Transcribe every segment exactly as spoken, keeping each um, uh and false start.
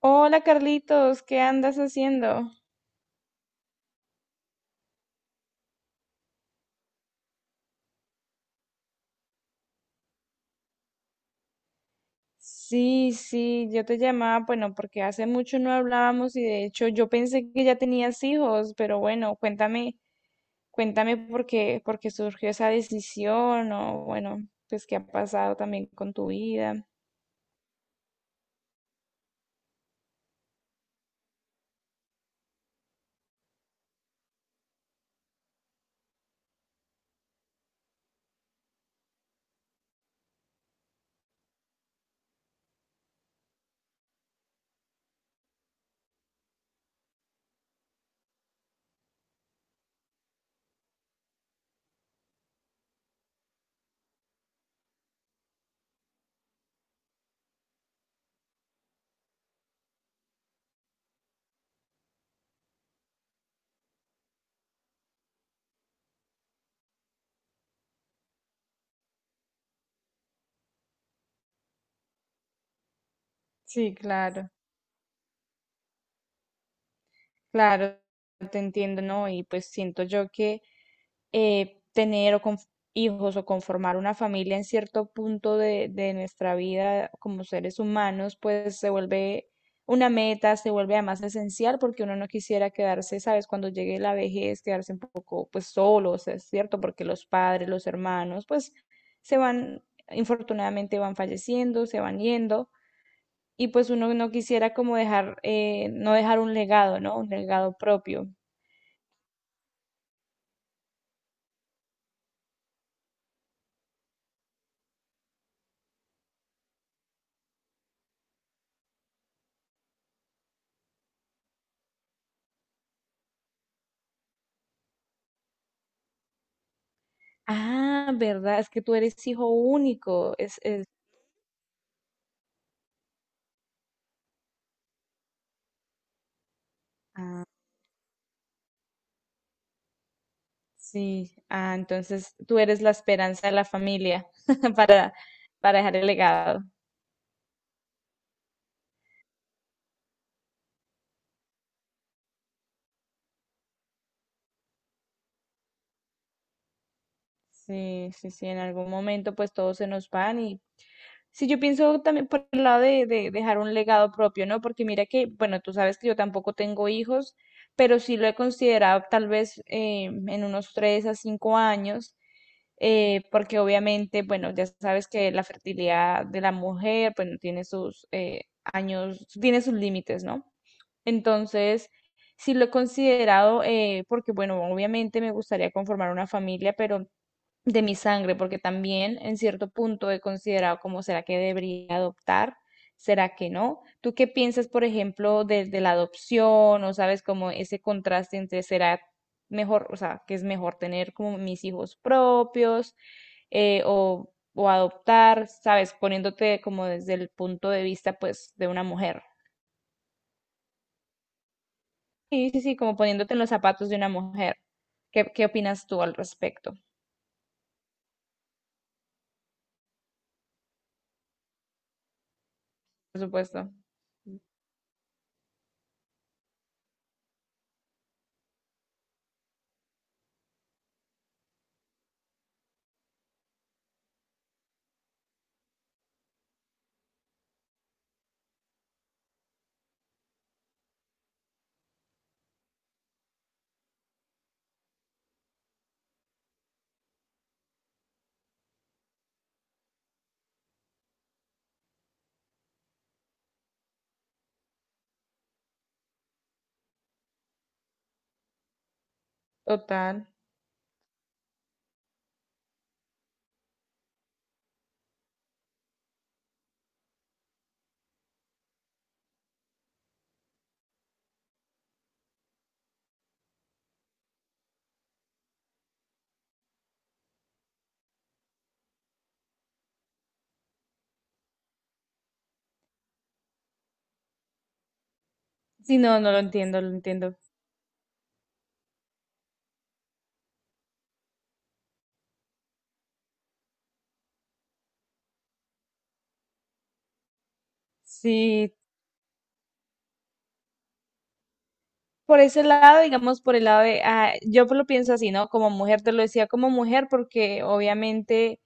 Hola Carlitos, ¿qué andas haciendo? Sí, sí, yo te llamaba, bueno, porque hace mucho no hablábamos y de hecho yo pensé que ya tenías hijos, pero bueno, cuéntame, cuéntame por qué, por qué surgió esa decisión o bueno, pues qué ha pasado también con tu vida. Sí, claro, claro, te entiendo, ¿no? Y pues siento yo que eh, tener o conf- hijos o conformar una familia en cierto punto de, de nuestra vida como seres humanos, pues se vuelve una meta, se vuelve además esencial porque uno no quisiera quedarse, ¿sabes? Cuando llegue la vejez, quedarse un poco pues solo, o sea, es cierto, porque los padres, los hermanos, pues se van, infortunadamente van falleciendo, se van yendo. Y pues uno no quisiera como dejar, eh, no dejar un legado, ¿no? Un legado propio. Ah, ¿verdad? Es que tú eres hijo único. Es, es, ah, sí. Ah, entonces tú eres la esperanza de la familia para, para dejar el legado. Sí, sí, sí. En algún momento, pues todos se nos van y sí, yo pienso también por el lado de, de dejar un legado propio, ¿no? Porque mira que, bueno, tú sabes que yo tampoco tengo hijos, pero sí lo he considerado tal vez eh, en unos tres a cinco años, eh, porque obviamente, bueno, ya sabes que la fertilidad de la mujer, bueno, tiene sus eh, años, tiene sus límites, ¿no? Entonces, sí lo he considerado eh, porque, bueno, obviamente me gustaría conformar una familia, pero de mi sangre, porque también en cierto punto he considerado como será que debería adoptar, será que no. ¿Tú qué piensas, por ejemplo, de, de la adopción o sabes como ese contraste entre será mejor, o sea, que es mejor tener como mis hijos propios eh, o, o adoptar, sabes, poniéndote como desde el punto de vista pues de una mujer? Sí, sí, sí, como poniéndote en los zapatos de una mujer. ¿Qué, qué opinas tú al respecto? Por supuesto. Total. Sí, no, no lo entiendo, lo entiendo. Sí, por ese lado, digamos, por el lado de, ah, yo lo pienso así, ¿no? Como mujer, te lo decía como mujer, porque obviamente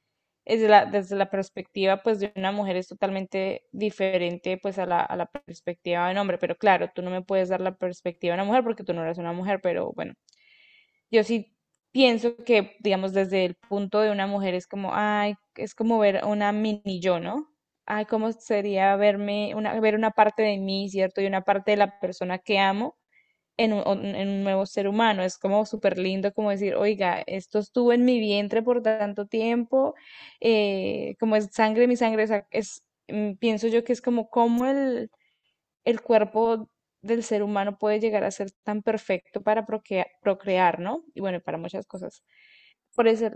desde la, desde la perspectiva, pues, de una mujer es totalmente diferente, pues, a la, a la perspectiva de un hombre. Pero claro, tú no me puedes dar la perspectiva de una mujer porque tú no eres una mujer, pero bueno, yo sí pienso que, digamos, desde el punto de una mujer es como, ay, es como ver a una mini yo, ¿no? Ay, cómo sería verme, una, ver una parte de mí, ¿cierto? Y una parte de la persona que amo en un, un- en un nuevo ser humano. Es como súper lindo como decir, oiga, esto estuvo en mi vientre por tanto tiempo, eh, como es sangre, mi sangre, o sea, es, mm, pienso yo que es como cómo el, el cuerpo del ser humano puede llegar a ser tan perfecto para procrear, procrear, ¿no? Y bueno, y para muchas cosas. Por ese,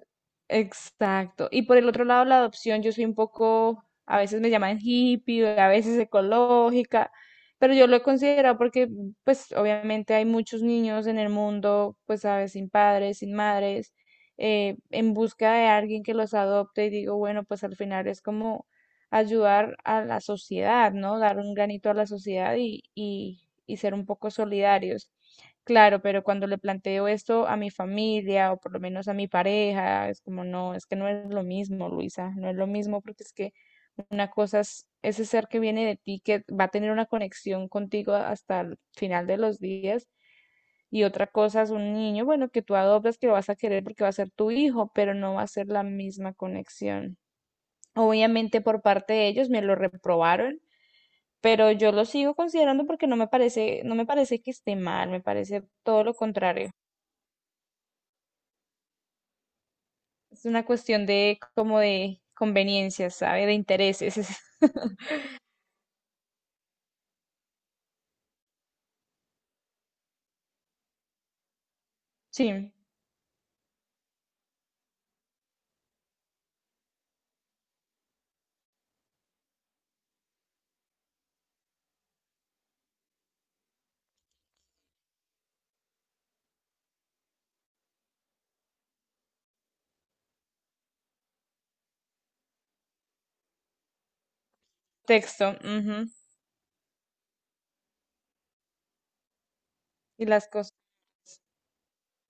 exacto. Y por el otro lado, la adopción, yo soy un poco, a veces me llaman hippie, a veces ecológica, pero yo lo he considerado porque, pues, obviamente hay muchos niños en el mundo, pues, sabes, sin padres, sin madres, eh, en busca de alguien que los adopte y digo, bueno, pues al final es como ayudar a la sociedad, ¿no? Dar un granito a la sociedad y, y, y ser un poco solidarios. Claro, pero cuando le planteo esto a mi familia o por lo menos a mi pareja, es como, no, es que no es lo mismo, Luisa, no es lo mismo porque es que una cosa es ese ser que viene de ti, que va a tener una conexión contigo hasta el final de los días, y otra cosa es un niño, bueno, que tú adoptas, que lo vas a querer porque va a ser tu hijo, pero no va a ser la misma conexión. Obviamente por parte de ellos me lo reprobaron. Pero yo lo sigo considerando porque no me parece, no me parece que esté mal, me parece todo lo contrario. Es una cuestión de como de conveniencias, ¿sabe? De intereses. es- Sí, texto. Ujú, Y las cos-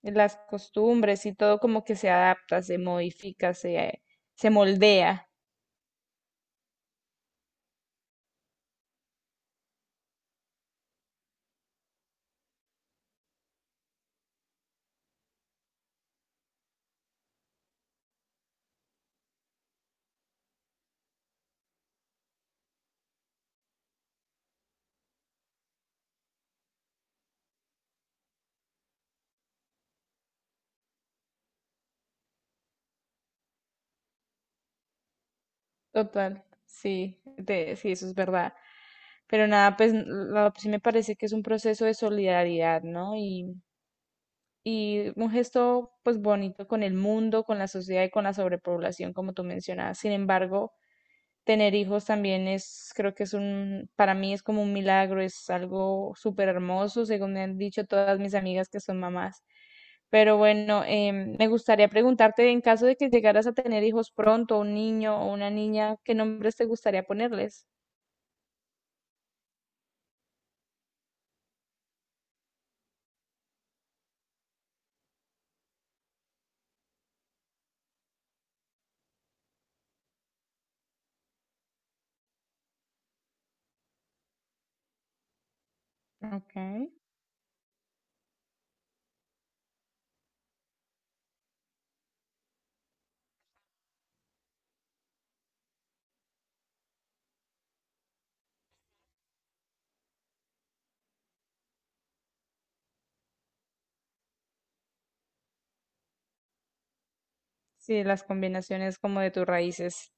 y las costumbres y todo como que se adapta, se modifica, se, eh, se moldea. Total, sí, de- sí, eso es verdad. Pero nada, pues la- sí me parece que es un proceso de solidaridad, ¿no? Y, y un gesto pues bonito con el mundo, con la sociedad y con la sobrepoblación, como tú mencionabas. Sin embargo, tener hijos también es, creo que es un, para mí es como un milagro, es algo súper hermoso, según me han dicho todas mis amigas que son mamás. Pero bueno, em, me gustaría preguntarte, en caso de que llegaras a tener hijos pronto, un niño o una niña, ¿qué nombres te gustaría ponerles? Okay. Sí, las combinaciones como de tus raíces.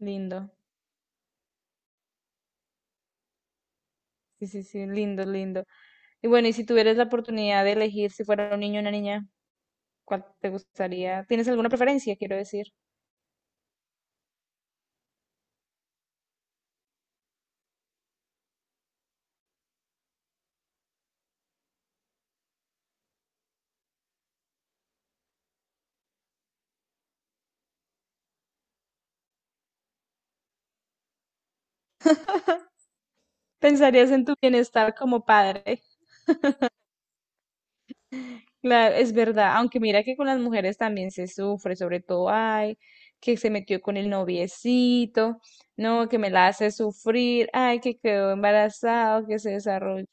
Lindo. Sí, sí, sí, lindo, lindo. Y bueno, y si tuvieras la oportunidad de elegir si fuera un niño o una niña, ¿cuál te gustaría? ¿Tienes alguna preferencia, quiero decir? Pensarías en tu bienestar como padre. Claro, es verdad, aunque mira que con las mujeres también se sufre, sobre todo, ay, que se metió con el noviecito, no, que me la hace sufrir, ay, que quedó embarazado, que se desarrolló,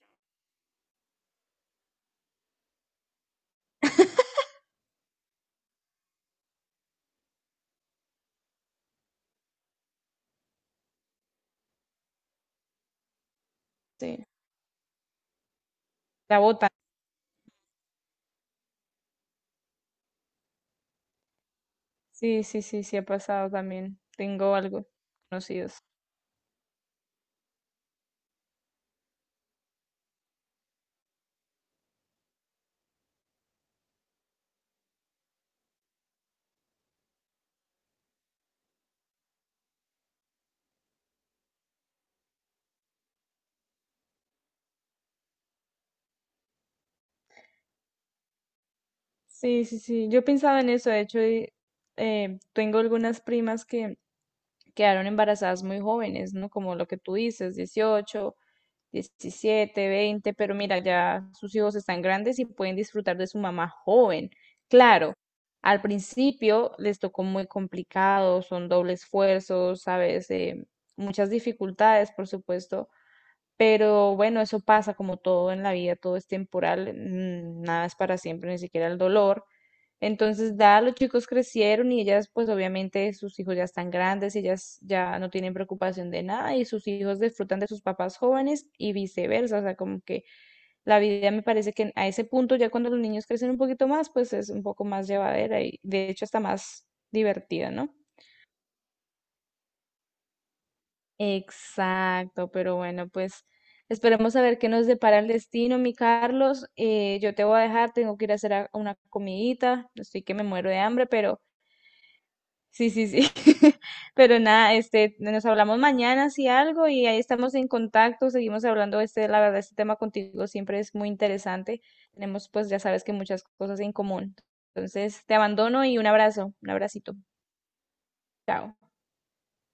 sí, la bota. Sí, sí, sí, sí ha pasado también. Tengo algo conocidos. Sí, sí, sí. Yo pensaba en eso. De hecho, y, eh, tengo algunas primas que quedaron embarazadas muy jóvenes, ¿no? Como lo que tú dices, dieciocho, diecisiete veinte pero mira, ya sus hijos están grandes y pueden disfrutar de su mamá joven. Claro, al principio les tocó muy complicado, son doble esfuerzo, sabes, Eh, muchas dificultades, por supuesto, pero bueno, eso pasa como todo en la vida, todo es temporal, mm, nada es para siempre, ni siquiera el dolor. Entonces, da, los chicos crecieron y ellas, pues obviamente sus hijos ya están grandes, ellas ya no tienen preocupación de nada y sus hijos disfrutan de sus papás jóvenes y viceversa. O sea, como que la vida me parece que a ese punto, ya cuando los niños crecen un poquito más, pues es un poco más llevadera y de hecho hasta más divertida, ¿no? Exacto, pero bueno, pues esperemos a ver qué nos depara el destino, mi Carlos. Eh, yo te voy a dejar, tengo que ir a hacer a- una comidita, estoy que me muero de hambre, pero sí, sí, sí. Pero nada, este, nos hablamos mañana si algo y ahí estamos en contacto, seguimos hablando. Este, la verdad, este tema contigo siempre es muy interesante. Tenemos, pues ya sabes que muchas cosas en común. Entonces, te abandono y un abrazo, un abracito. Chao.